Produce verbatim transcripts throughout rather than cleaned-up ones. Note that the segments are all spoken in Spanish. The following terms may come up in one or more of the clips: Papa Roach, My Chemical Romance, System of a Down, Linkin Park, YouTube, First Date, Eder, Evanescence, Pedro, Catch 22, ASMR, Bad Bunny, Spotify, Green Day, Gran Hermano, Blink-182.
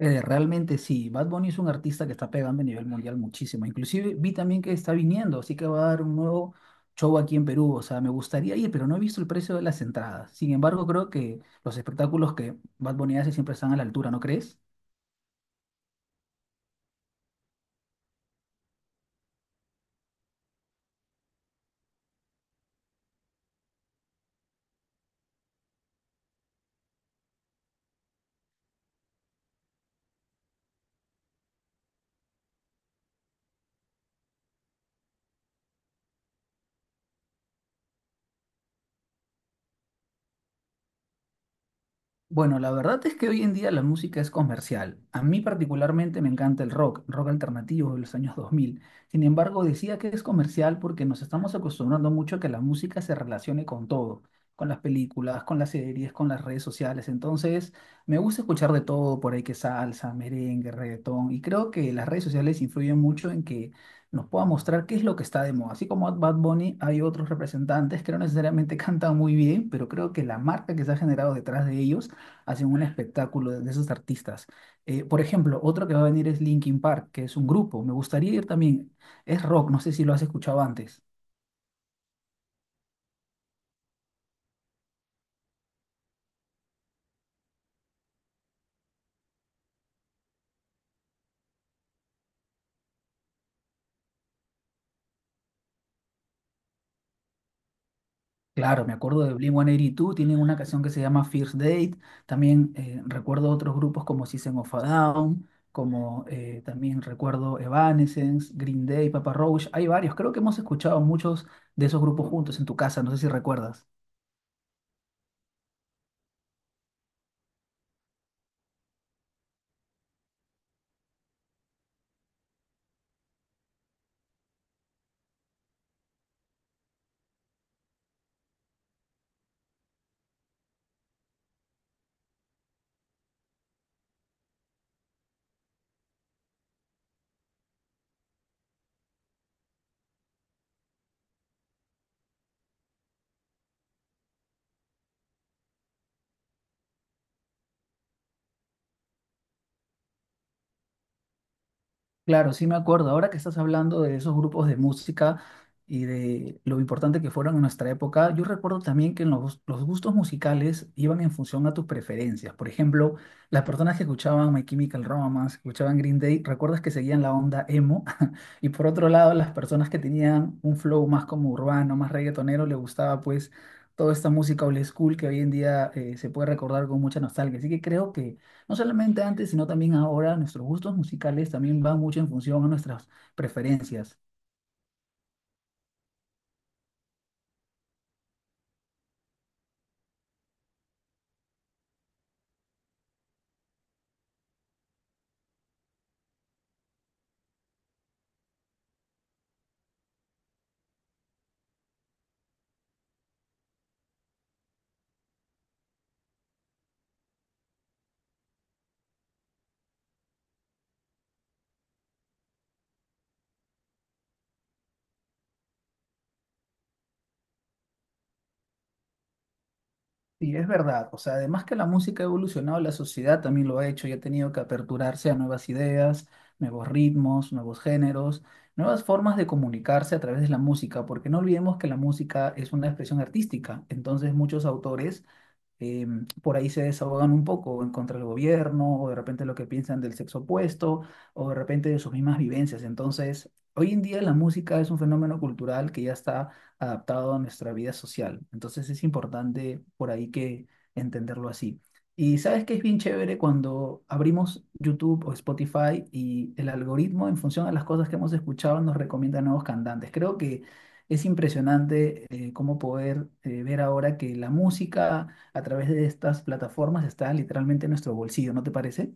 Eh, realmente sí, Bad Bunny es un artista que está pegando a nivel mundial muchísimo. Inclusive vi también que está viniendo, así que va a dar un nuevo show aquí en Perú. O sea, me gustaría ir, pero no he visto el precio de las entradas. Sin embargo, creo que los espectáculos que Bad Bunny hace siempre están a la altura, ¿no crees? Bueno, la verdad es que hoy en día la música es comercial. A mí particularmente me encanta el rock, rock alternativo de los años dos mil. Sin embargo, decía que es comercial porque nos estamos acostumbrando mucho a que la música se relacione con todo, con las películas, con las series, con las redes sociales. Entonces, me gusta escuchar de todo, por ahí que salsa, merengue, reggaetón. Y creo que las redes sociales influyen mucho en que nos pueda mostrar qué es lo que está de moda. Así como Bad Bunny, hay otros representantes que no necesariamente cantan muy bien, pero creo que la marca que se ha generado detrás de ellos hacen un espectáculo de esos artistas. Eh, por ejemplo, otro que va a venir es Linkin Park, que es un grupo. Me gustaría ir también. Es rock, no sé si lo has escuchado antes. Claro, me acuerdo de Blink uno ocho dos, tienen una canción que se llama First Date. También eh, recuerdo otros grupos como System of a Down, como eh, también recuerdo Evanescence, Green Day, Papa Roach. Hay varios, creo que hemos escuchado muchos de esos grupos juntos en tu casa, no sé si recuerdas. Claro, sí me acuerdo. Ahora que estás hablando de esos grupos de música y de lo importante que fueron en nuestra época, yo recuerdo también que en los, los gustos musicales iban en función a tus preferencias. Por ejemplo, las personas que escuchaban My Chemical Romance, que escuchaban Green Day, ¿recuerdas que seguían la onda emo? Y por otro lado, las personas que tenían un flow más como urbano, más reggaetonero, les gustaba pues toda esta música old school que hoy en día eh, se puede recordar con mucha nostalgia. Así que creo que no solamente antes, sino también ahora, nuestros gustos musicales también van mucho en función a nuestras preferencias. Sí, es verdad. O sea, además que la música ha evolucionado, la sociedad también lo ha hecho y ha tenido que aperturarse a nuevas ideas, nuevos ritmos, nuevos géneros, nuevas formas de comunicarse a través de la música, porque no olvidemos que la música es una expresión artística. Entonces, muchos autores eh, por ahí se desahogan un poco en contra del gobierno, o de repente lo que piensan del sexo opuesto, o de repente de sus mismas vivencias. Entonces, hoy en día la música es un fenómeno cultural que ya está adaptado a nuestra vida social. Entonces, es importante por ahí que entenderlo así. Y sabes que es bien chévere cuando abrimos YouTube o Spotify y el algoritmo en función a las cosas que hemos escuchado nos recomienda nuevos cantantes. Creo que es impresionante eh, cómo poder eh, ver ahora que la música a través de estas plataformas está literalmente en nuestro bolsillo, ¿no te parece?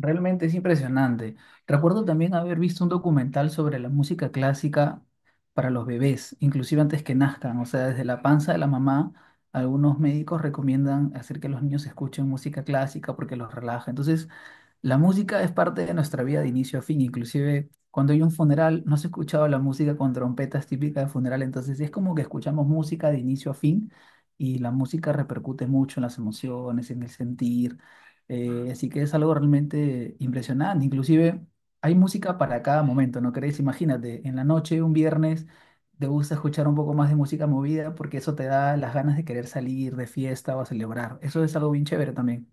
Realmente es impresionante. Recuerdo también haber visto un documental sobre la música clásica para los bebés, inclusive antes que nazcan, o sea, desde la panza de la mamá, algunos médicos recomiendan hacer que los niños escuchen música clásica porque los relaja. Entonces, la música es parte de nuestra vida de inicio a fin, inclusive cuando hay un funeral, no se ha escuchado la música con trompetas típica de funeral, entonces es como que escuchamos música de inicio a fin y la música repercute mucho en las emociones, en el sentir, eh, así que es algo realmente impresionante, inclusive hay música para cada momento, ¿no crees? Imagínate, en la noche, un viernes, te gusta escuchar un poco más de música movida porque eso te da las ganas de querer salir de fiesta o a celebrar, eso es algo bien chévere también.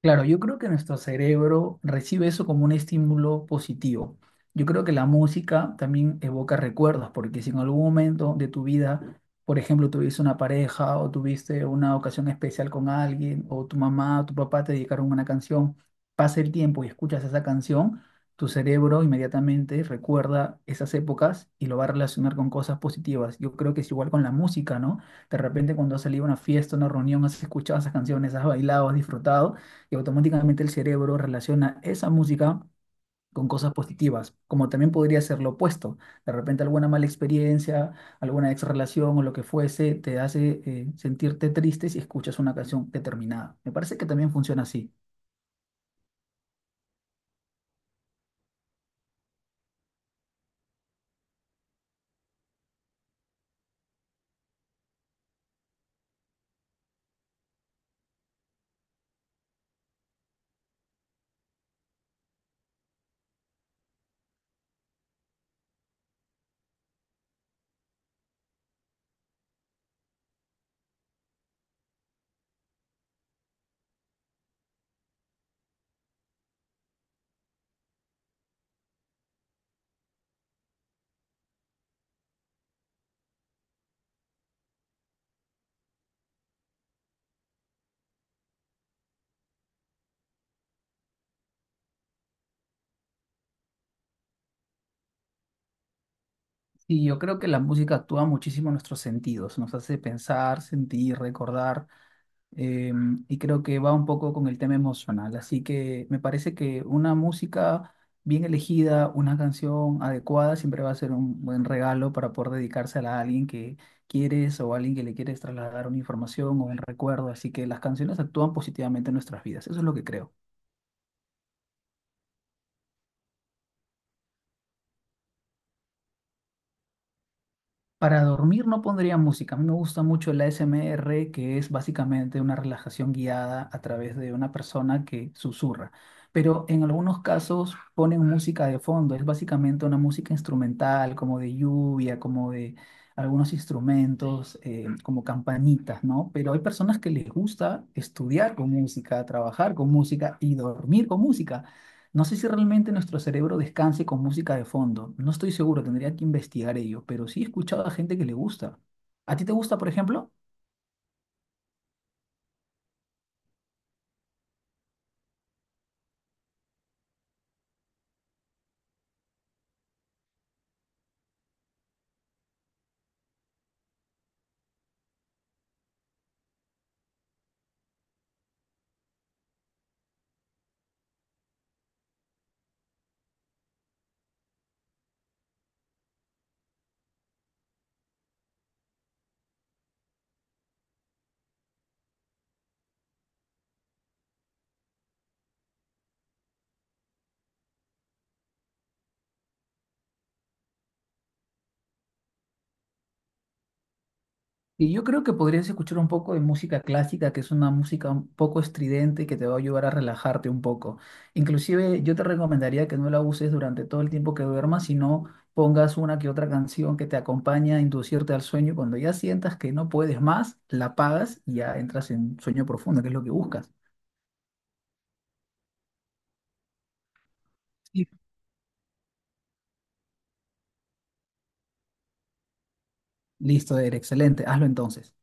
Claro, yo creo que nuestro cerebro recibe eso como un estímulo positivo. Yo creo que la música también evoca recuerdos, porque si en algún momento de tu vida, por ejemplo, tuviste una pareja o tuviste una ocasión especial con alguien, o tu mamá o tu papá te dedicaron una canción, pasa el tiempo y escuchas esa canción, tu cerebro inmediatamente recuerda esas épocas y lo va a relacionar con cosas positivas. Yo creo que es igual con la música, ¿no? De repente cuando has salido a una fiesta, una reunión, has escuchado esas canciones, has bailado, has disfrutado y automáticamente el cerebro relaciona esa música con cosas positivas, como también podría ser lo opuesto. De repente alguna mala experiencia, alguna ex relación o lo que fuese te hace eh, sentirte triste si escuchas una canción determinada. Me parece que también funciona así. Y yo creo que la música actúa muchísimo en nuestros sentidos, nos hace pensar, sentir, recordar. eh, y creo que va un poco con el tema emocional. Así que me parece que una música bien elegida, una canción adecuada, siempre va a ser un buen regalo para poder dedicársela a alguien que quieres o a alguien que le quieres trasladar una información o un recuerdo. Así que las canciones actúan positivamente en nuestras vidas. Eso es lo que creo. Para dormir no pondría música. A mí me gusta mucho el A S M R, que es básicamente una relajación guiada a través de una persona que susurra. Pero en algunos casos ponen música de fondo. Es básicamente una música instrumental, como de lluvia, como de algunos instrumentos, eh, como campanitas, ¿no? Pero hay personas que les gusta estudiar con música, trabajar con música y dormir con música. No sé si realmente nuestro cerebro descanse con música de fondo. No estoy seguro, tendría que investigar ello, pero sí he escuchado a gente que le gusta. ¿A ti te gusta, por ejemplo? Y yo creo que podrías escuchar un poco de música clásica, que es una música un poco estridente que te va a ayudar a relajarte un poco. Inclusive yo te recomendaría que no la uses durante todo el tiempo que duermas, sino pongas una que otra canción que te acompañe a inducirte al sueño. Cuando ya sientas que no puedes más, la apagas y ya entras en sueño profundo, que es lo que buscas. Sí. Listo, Eder, excelente. Hazlo entonces.